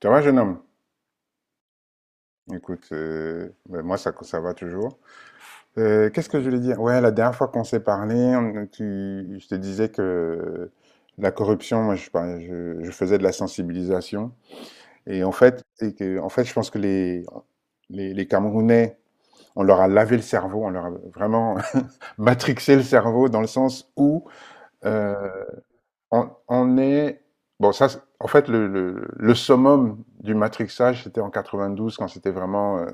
Tu vois, jeune homme? Écoute, ben, moi, ça va toujours. Qu'est-ce que je voulais dire? Ouais, la dernière fois qu'on s'est parlé, je te disais que la corruption, moi, je faisais de la sensibilisation. Et en fait, je pense que les Camerounais, on leur a lavé le cerveau, on leur a vraiment matrixé le cerveau dans le sens où euh, on est... Bon, en fait, le summum du matrixage, c'était en 92, quand c'était vraiment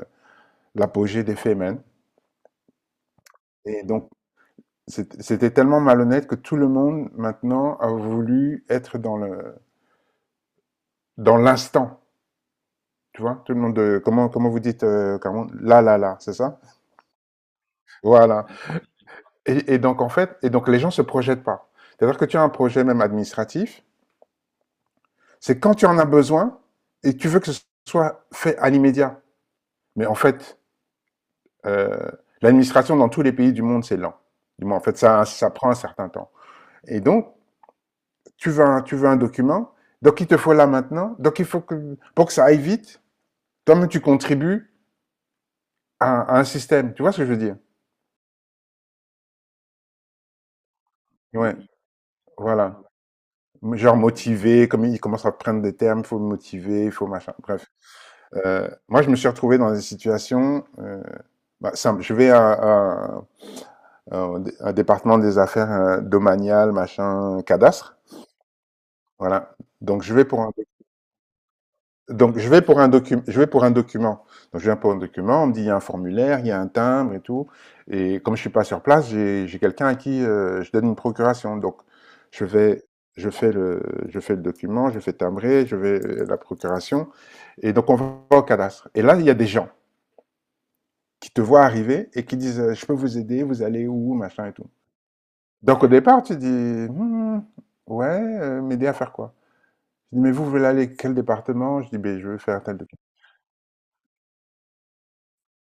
l'apogée des Femen. Et donc, c'était tellement malhonnête que tout le monde maintenant a voulu être dans le dans l'instant. Tu vois, tout le monde, de comment vous dites, là, là, là, c'est ça? Voilà. Et donc, en fait, les gens se projettent pas. C'est-à-dire que tu as un projet même administratif, c'est quand tu en as besoin et tu veux que ce soit fait à l'immédiat. Mais en fait, euh, l'administration dans tous les pays du monde, c'est lent. Du moins, en fait, ça prend un certain temps. Et donc, tu veux un document, donc il te faut là maintenant, donc il faut que, pour que ça aille vite, toi-même tu contribues à un système, tu vois ce que je veux dire? Ouais, voilà. Genre motivé, comme il commence à prendre des termes, il faut motiver, il faut machin, bref. Moi, je me suis retrouvé dans des situations, bah, simple. Je vais un département des affaires domaniales, machin, cadastre, voilà. Donc je vais pour un donc je vais pour un document, Donc je viens pour un document, on me dit il y a un formulaire, il y a un timbre et tout. Et comme je suis pas sur place, j'ai quelqu'un à qui je donne une procuration. Donc je vais, je fais le, je fais le document, je fais timbrer, je vais la procuration. Et donc on va au cadastre. Et là il y a des gens qui te voient arriver et qui disent je peux vous aider, vous allez où, machin et tout. Donc au départ tu dis Hmm, ouais, m'aider à faire quoi? Je dis mais vous voulez aller à quel département? Je dis ben je veux faire tel document.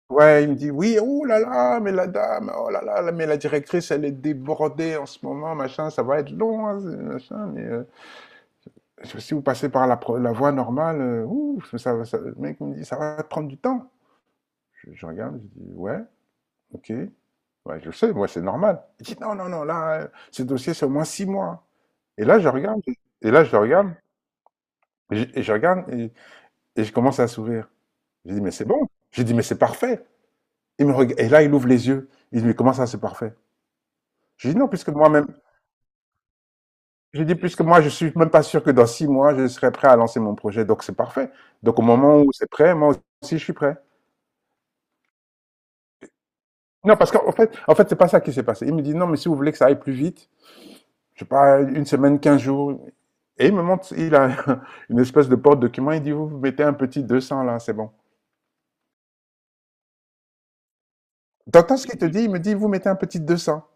Ouais, il me dit, oui, oh là là, mais la dame, oh là là, mais la directrice, elle est débordée en ce moment, machin, ça va être long, hein, machin, mais si vous passez par la voie normale, ouh, ça, va- ça- le mec me dit, ça va prendre du temps. Je regarde, je dis, ouais, ok, ouais, je le sais, moi, c'est normal. Il dit, non, non, non, là, ce dossier, c'est au moins 6 mois. Et là, je regarde, et là, je le regarde, et je regarde, et je commence à sourire. Je dis, mais c'est bon. Je dis, mais c'est parfait. Et là, il ouvre les yeux. Il dit, mais comment ça, c'est parfait? J'ai dit non, puisque moi-même, j'ai dit puisque moi, je suis même pas sûr que dans 6 mois, je serai prêt à lancer mon projet. Donc, c'est parfait. Donc, au moment où c'est prêt, moi aussi, je suis prêt. Non, parce qu'en fait, c'est pas ça qui s'est passé. Il me dit non, mais si vous voulez que ça aille plus vite, je sais pas, une semaine, 15 jours. Et il me montre, il a une espèce de porte-document. Il dit, vous mettez un petit 200 là, c'est bon. T'entends ce qu'il te dit? Il me dit, vous mettez un petit 200.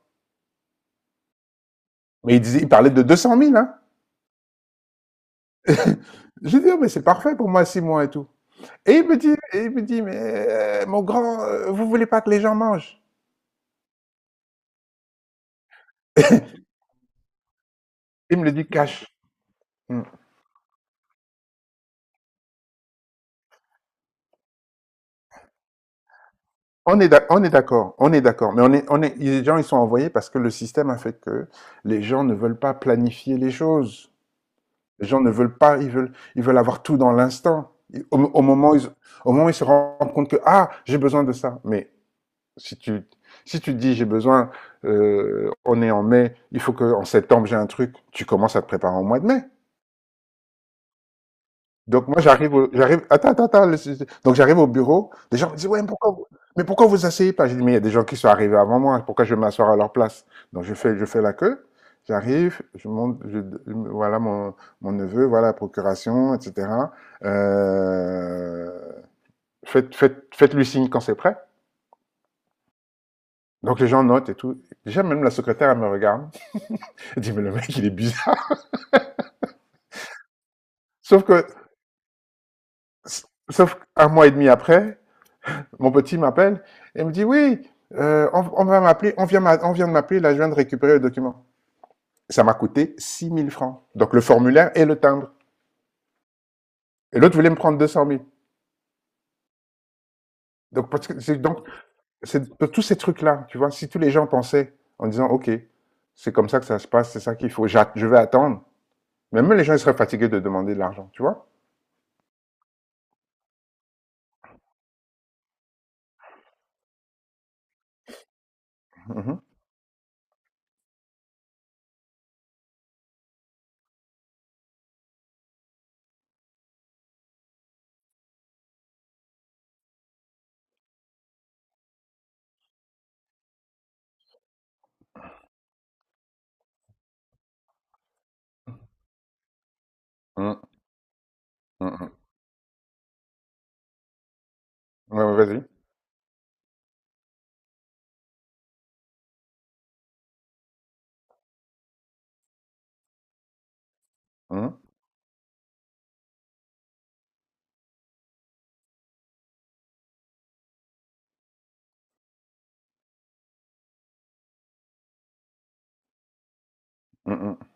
Mais il parlait de 200 000, hein. J'ai dit, oh, mais c'est parfait pour moi, 6 mois et tout. Et il me dit, mais mon grand, vous voulez pas que les gens mangent? Il me le dit cash. Mm. On est d'accord, mais les gens ils sont envoyés parce que le système a fait que les gens ne veulent pas planifier les choses. Les gens ne veulent pas, ils veulent avoir tout dans l'instant. Au moment où ils se rendent compte que ah j'ai besoin de ça. Mais si tu, si tu dis j'ai besoin, on est en mai, il faut que en septembre j'ai un truc. Tu commences à te préparer au mois de mai. Donc moi j'arrive, attends, attends, attends. Donc j'arrive au bureau, les gens me disent, ouais, mais pourquoi vous asseyez pas? J'ai dit, mais il y a des gens qui sont arrivés avant moi, pourquoi je vais m'asseoir à leur place? Donc je fais la queue, j'arrive, je monte, voilà mon neveu, voilà la procuration, etc. Euh, Faites-lui signe quand c'est prêt. Donc les gens notent et tout. Déjà même la secrétaire elle me regarde, elle dit, mais le mec il est bizarre. Sauf que, sauf qu'un mois et demi après, mon petit m'appelle et me dit oui, on va m'appeler, on vient de m'appeler, là je viens de récupérer le document. Ça m'a coûté 6 000 francs. Donc le formulaire et le timbre. Et l'autre voulait me prendre 200 000. Donc c'est tous ces trucs là, tu vois, si tous les gens pensaient en disant ok, c'est comme ça que ça se passe, c'est ça qu'il faut, je vais attendre. Même les gens ils seraient fatigués de demander de l'argent, tu vois. Mhm. Mhm. Mhm. Ouais, ouais, vas-y. Mhm. Mhm.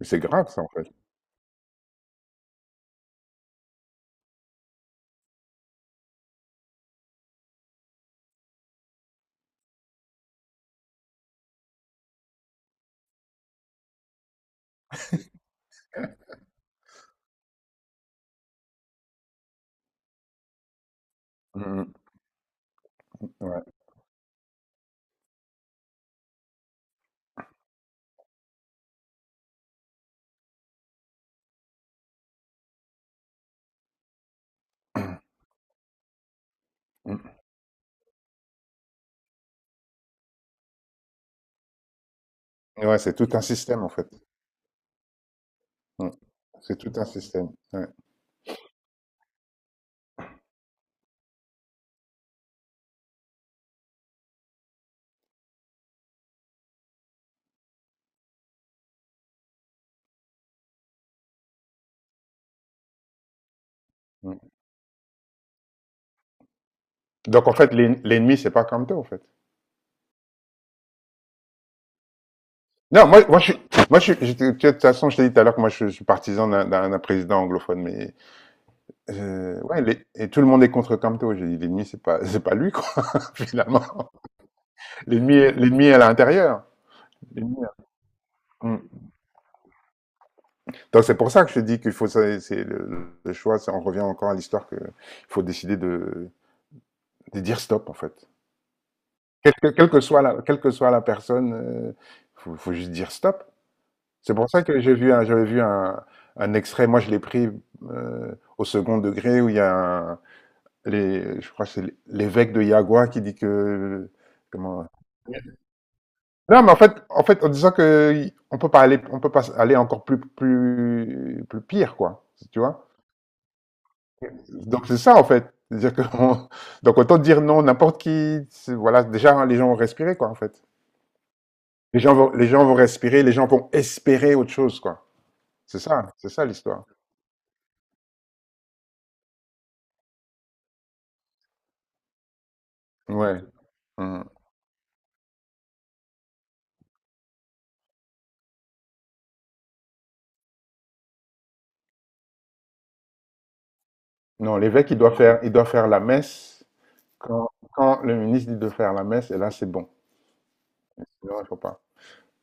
Mais c'est grave ça en fait. Mhm. Ouais. Mhm. Ouais, c'est tout un système en fait. Mhm. C'est tout un système. Ouais. Mm. Donc en fait, l'ennemi, c'est pas Kamto, en fait. Non, je suis, moi, je suis, je- tu vois, de toute façon, je t'ai dit tout à l'heure que moi, je suis partisan d'un président anglophone, mais ouais, et tout le monde est contre Kamto. J'ai dit, l'ennemi, c'est pas lui, quoi, finalement. L'ennemi est à l'intérieur. L'ennemi Mm. Donc c'est pour ça que je dis qu'il faut, c'est le choix. On revient encore à l'histoire que il faut décider de dire stop, en fait. Quelle que soit la personne, faut juste dire stop. C'est pour ça que j'avais vu un extrait, moi je l'ai pris au second degré, où il y a je crois que c'est l'évêque de Yagua qui dit que... Comment... Non, mais en fait, en disant que on peut pas aller encore plus, plus, plus pire, quoi. Tu vois? Donc c'est ça, en fait. C'est-à-dire que donc autant dire non, n'importe qui, voilà, déjà hein, les gens vont respirer, quoi, en fait. Les gens vont respirer, les gens vont espérer autre chose, quoi. C'est ça l'histoire. Ouais. Mhm. Non, l'évêque, il doit faire la messe quand le ministre dit de faire la messe, et là, c'est bon. Non, il faut pas.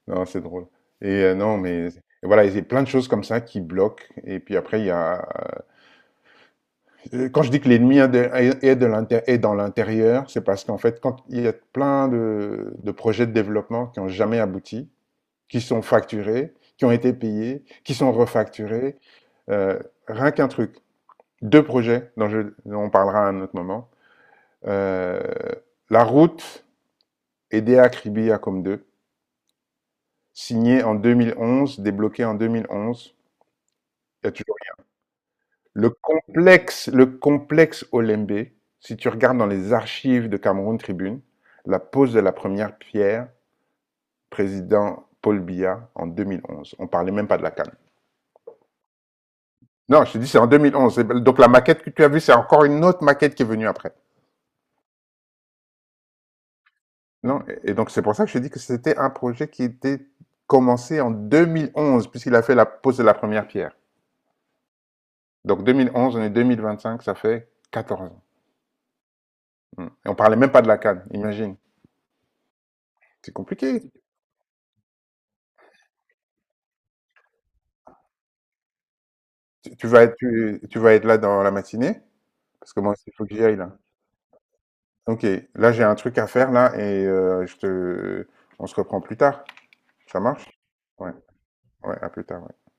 Non, c'est drôle. Et non, mais et voilà, il y a plein de choses comme ça qui bloquent. Et puis après, il y a quand je dis que l'ennemi est, de- est- est de l'inté- est dans l'intérieur, c'est parce qu'en fait, quand il y a plein de projets de développement qui n'ont jamais abouti, qui sont facturés, qui ont été payés, qui sont refacturés, euh, rien qu'un truc, deux projets dont on parlera à un autre moment euh, la route et Dea Kribia comme deux, signé en 2011, débloqué en 2011. Il y a toujours le complexe Olembe. Si tu regardes dans les archives de Cameroun Tribune, la pose de la première pierre, président Paul Biya en 2011. On ne parlait même pas de la canne. Non, je te dis, c'est en 2011. Donc la maquette que tu as vue, c'est encore une autre maquette qui est venue après. Non, et donc c'est pour ça que je te dis que c'était un projet qui était commencé en 2011, puisqu'il a fait la pose de la première pierre. Donc 2011, on est 2025, ça fait 14 ans. Mm. Et on parlait même pas de la CAN. Imagine. C'est compliqué. Tu vas être là dans la matinée, parce que moi aussi, il faut que j'y aille là. Ok, là j'ai un truc à faire là et on se reprend plus tard. Ça marche? Ouais, ouais, à plus tard. Ouais.